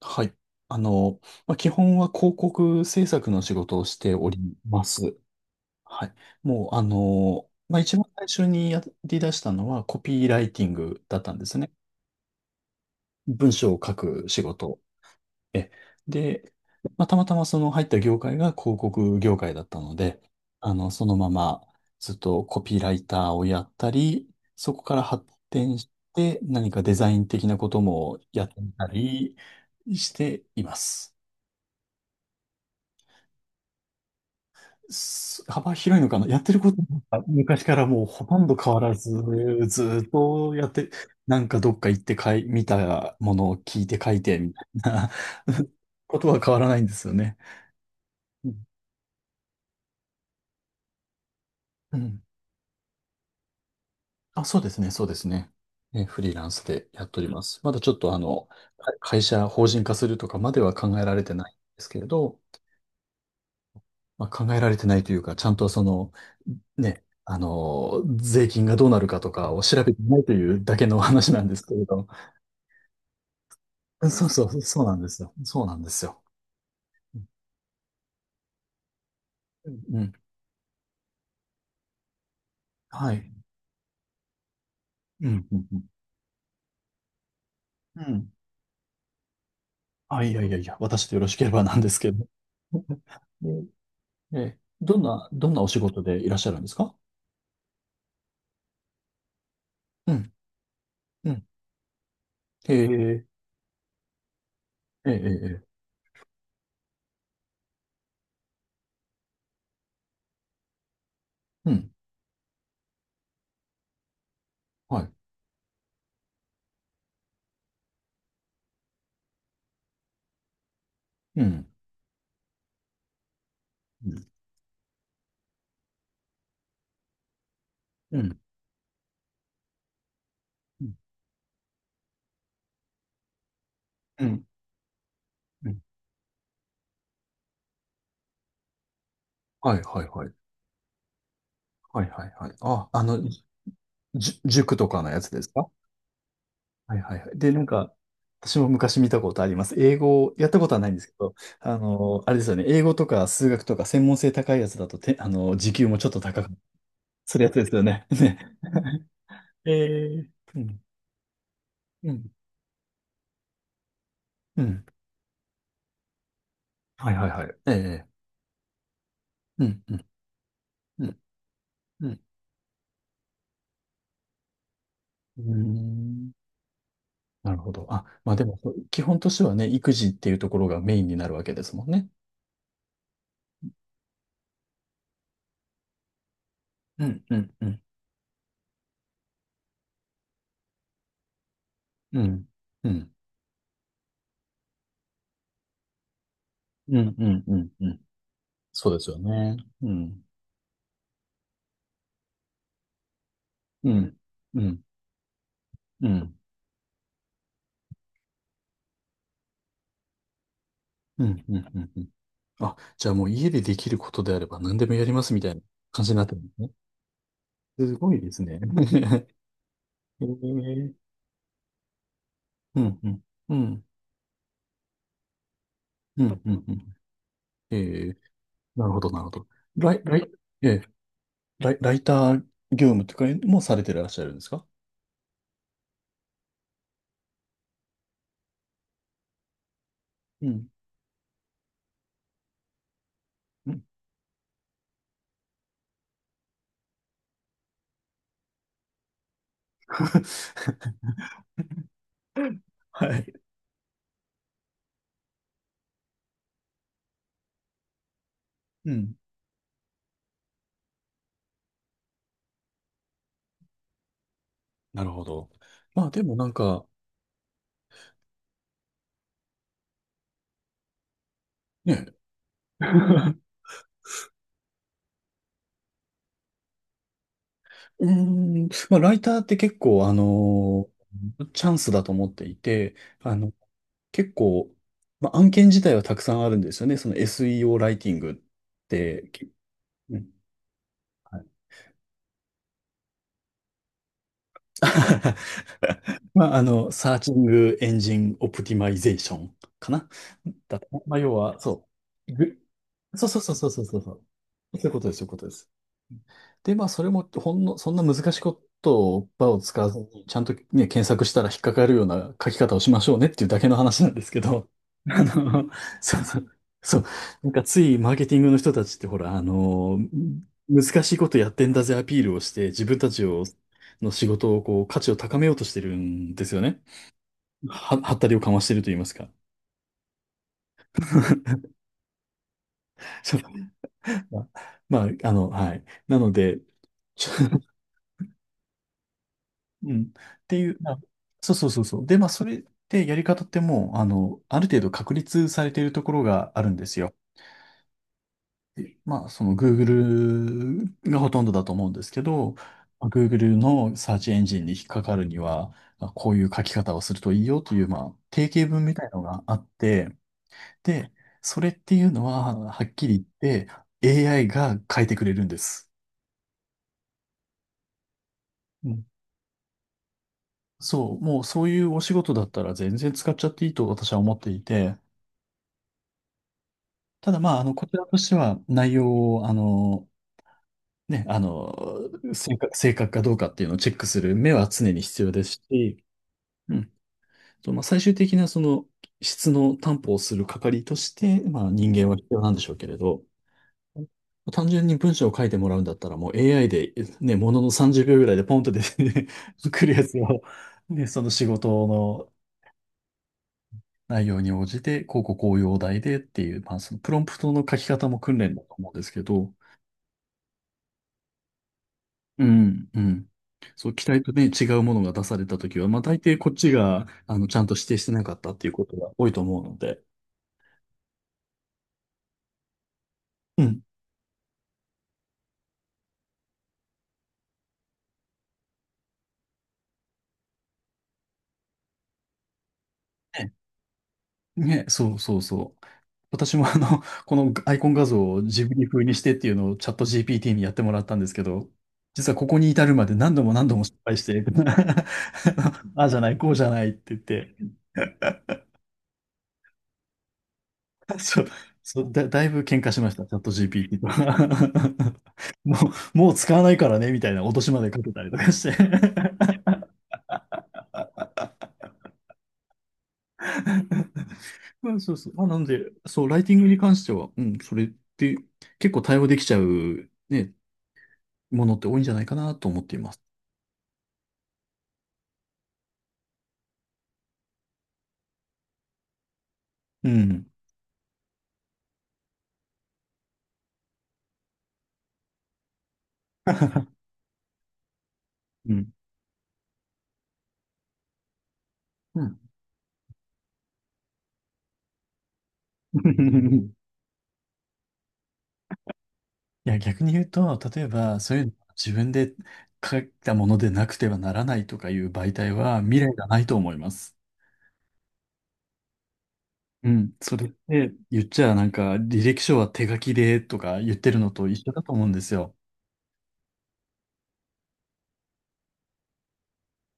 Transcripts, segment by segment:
はい。あの、まあ、基本は広告制作の仕事をしております。はい。もう、まあ、一番最初にやり出したのはコピーライティングだったんですね。文章を書く仕事。え、で、まあ、たまたまその入った業界が広告業界だったので、そのままずっとコピーライターをやったり、そこから発展して何かデザイン的なこともやってみたりしています。幅広いのかなやってることは昔からもうほとんど変わらず、ずーっとやって、なんかどっか行ってかい、見たものを聞いて書いて、みたいな ことは変わらないんですよね。うんうん。あ、そうですね、そうですね。フリーランスでやっております。まだちょっと会社法人化するとかまでは考えられてないんですけれど、まあ、考えられてないというか、ちゃんとね、税金がどうなるかとかを調べてないというだけの話なんですけれど。そうそう、そうなんですよ。そうなんですよ。うん。うん。はい。うん。うん。うんうん。あ、いやいやいや、私でよろしければなんですけど。え、どんなお仕事でいらっしゃるんですか？うん。うん。ええ、ええ、ええ、うん。はい。うん。うん。うん。うん。うん。はいはいはい。はいはいはい。あ、塾とかのやつですか？はいはいはい。で、なんか、私も昔見たことあります。英語、やったことはないんですけど、あれですよね。英語とか数学とか専門性高いやつだとて、時給もちょっと高く、するやつですよね。ね。えー、うん、うん、うん。はいはいはい。ええ。うん、うん、うん、うん。うーん。なるほど。あ、まあでも、基本としてはね、育児っていうところがメインになるわけですもんね。うん、うん、うん、うん、うん、うん、うん、うん。うん。そうですよね。うん。うん。うん。うん。うん。うん。うんうん。あ、じゃあもう家でできることであれば何でもやりますみたいな感じになってるんですね。すごいですね。えー、うん。うん。うん。うん。うん。うん。えー、なるほど、なるほど。ライ、ライ、えーライター業務とかもされてらっしゃるんですか？うん。うん はい。うん。なるほど。まあでもなんか、ね。うーん、まあ、ライターって結構、チャンスだと思っていて、あの、結構、まあ、案件自体はたくさんあるんですよね。その SEO ライティングって。うん。 まあ、サーチングエンジンオプティマイゼーションかな。だったまあ、要は、そう。そうそうそうそうそうそう。そういうことです、そういうことです。で、まあ、それも、ほんの、そんな難しいことを、場を使わずに、ちゃんとね、検索したら引っかかるような書き方をしましょうねっていうだけの話なんですけど、あの、そうそう、そう、なんかついマーケティングの人たちって、ほら、難しいことやってんだぜアピールをして、自分たちをの仕事をこう価値を高めようとしてるんですよね。はったりをかましてると言いますか。そうまあ、まあはい。なので、ちょうん。っていう、まあ、そうそうそうそう。で、まあ、それってやり方ってもう、ある程度確立されているところがあるんですよ。でまあ、その Google がほとんどだと思うんですけど、まあ Google のサーチエンジンに引っかかるには、まあこういう書き方をするといいよという、まあ、定型文みたいのがあって、で、それっていうのは、はっきり言って AI が変えてくれるんです。うん。そう、もうそういうお仕事だったら全然使っちゃっていいと私は思っていて、ただまあ、こちらとしては内容を、ね、正確かどうかっていうのをチェックする目は常に必要ですし、うん。そうまあ、最終的なその質の担保をする係として、まあ人間は必要なんでしょうけれど、単純に文章を書いてもらうんだったら、もう AI で、ね、ものの30秒ぐらいでポンと出て、ね、来るやつを、ね、その仕事の内容に応じて、こうこうこういうお題でっていう、まあ、そのプロンプトの書き方も訓練だと思うんですけど、うん、うん。そう、期待とね、違うものが出されたときは、まあ、大抵こっちが、ちゃんと指定してなかったっていうことが多いと思うので、うん。ねね、そうそうそう。私もこのアイコン画像をジブリ風にしてっていうのをチャット GPT にやってもらったんですけど、実はここに至るまで何度も何度も失敗して、ああじゃない、こうじゃないって言って、そう、そうだ、だいぶ喧嘩しました、チャット GPT と。もう、もう使わないからね、みたいな脅しまでかけたりとかして。まあ、そうそう。まあ、なんで、そう、ライティングに関しては、うん、それって結構対応できちゃう、ね、ものって多いんじゃないかなと思っています。うん。うん。うん。いや、逆に言うと、例えば、そういうの自分で書いたものでなくてはならないとかいう媒体は未来がないと思います。うん。それって言っちゃなんか、履歴書は手書きでとか言ってるのと一緒だと思うんですよ。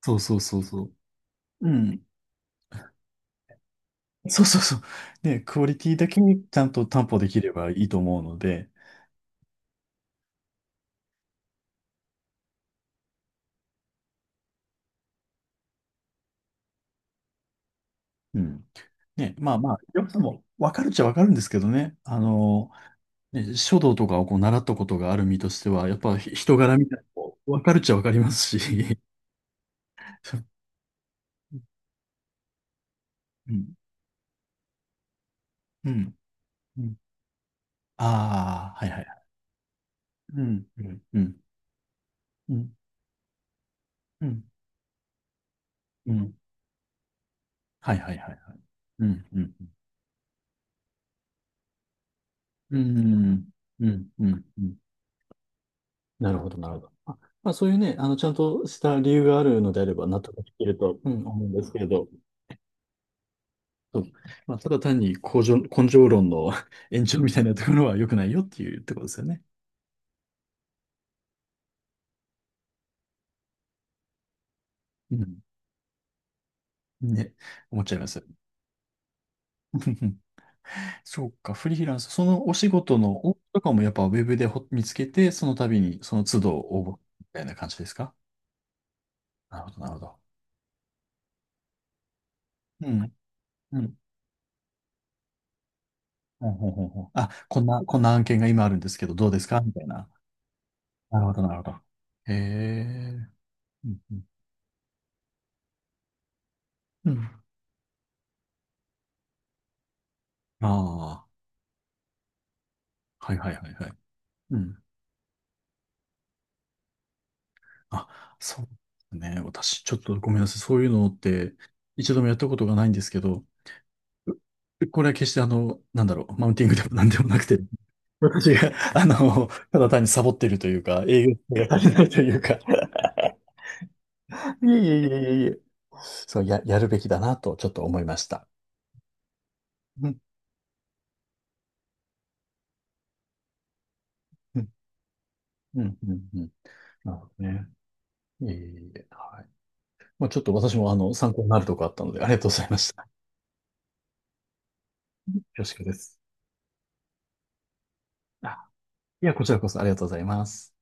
そうそうそうそう。うん。そうそうそう。ね、クオリティだけにちゃんと担保できればいいと思うので、うん。ね、まあまあ、良さもわかるっちゃわかるんですけどね。ね、書道とかをこう習ったことがある身としては、やっぱ人柄みたいなのもわかるっちゃわかりますし。そう。うん。うん。うん。ああ、はいはいはい。うん。うん。うん。うん。うん。うん。はいはいはいはい。うん。うん。うん。うん。うん。うん。なるほど、なるほど。あ、まあそういうね、ちゃんとした理由があるのであれば納得できると、うん、思うんですけれど、そうまあ、ただ単に根性、根性論の 延長みたいなところは良くないよっていうところですよね。うん。ね、思っちゃいます。そうか、フリーランス、そのお仕事の応募とかもやっぱウェブで見つけて、その度にその都度応募みたいな感じですか？なるほど、なるほど。うん、うん。ほんほんほんほん。あ、こんな案件が今あるんですけど、どうですかみたいな。なるほど、なるほど。へえ。うん、うん。うん。ああ、はいはいはいはい。うん。あ、そうですね。私、ちょっとごめんなさい。そういうのって、一度もやったことがないんですけど、これは決してなんだろう、マウンティングでもなんでもなくて、私が、ただ単にサボってるというか、営業性が足りないというか、いえいえいえいえいえ、そう、やるべきだなとちょっと思いました。うん、うん、うん、うんうん。なるほどね。いえいえいえ、はい。まあ、ちょっと私も参考になるとこあったので、ありがとうございました。恐縮です。あ、いや、こちらこそありがとうございます。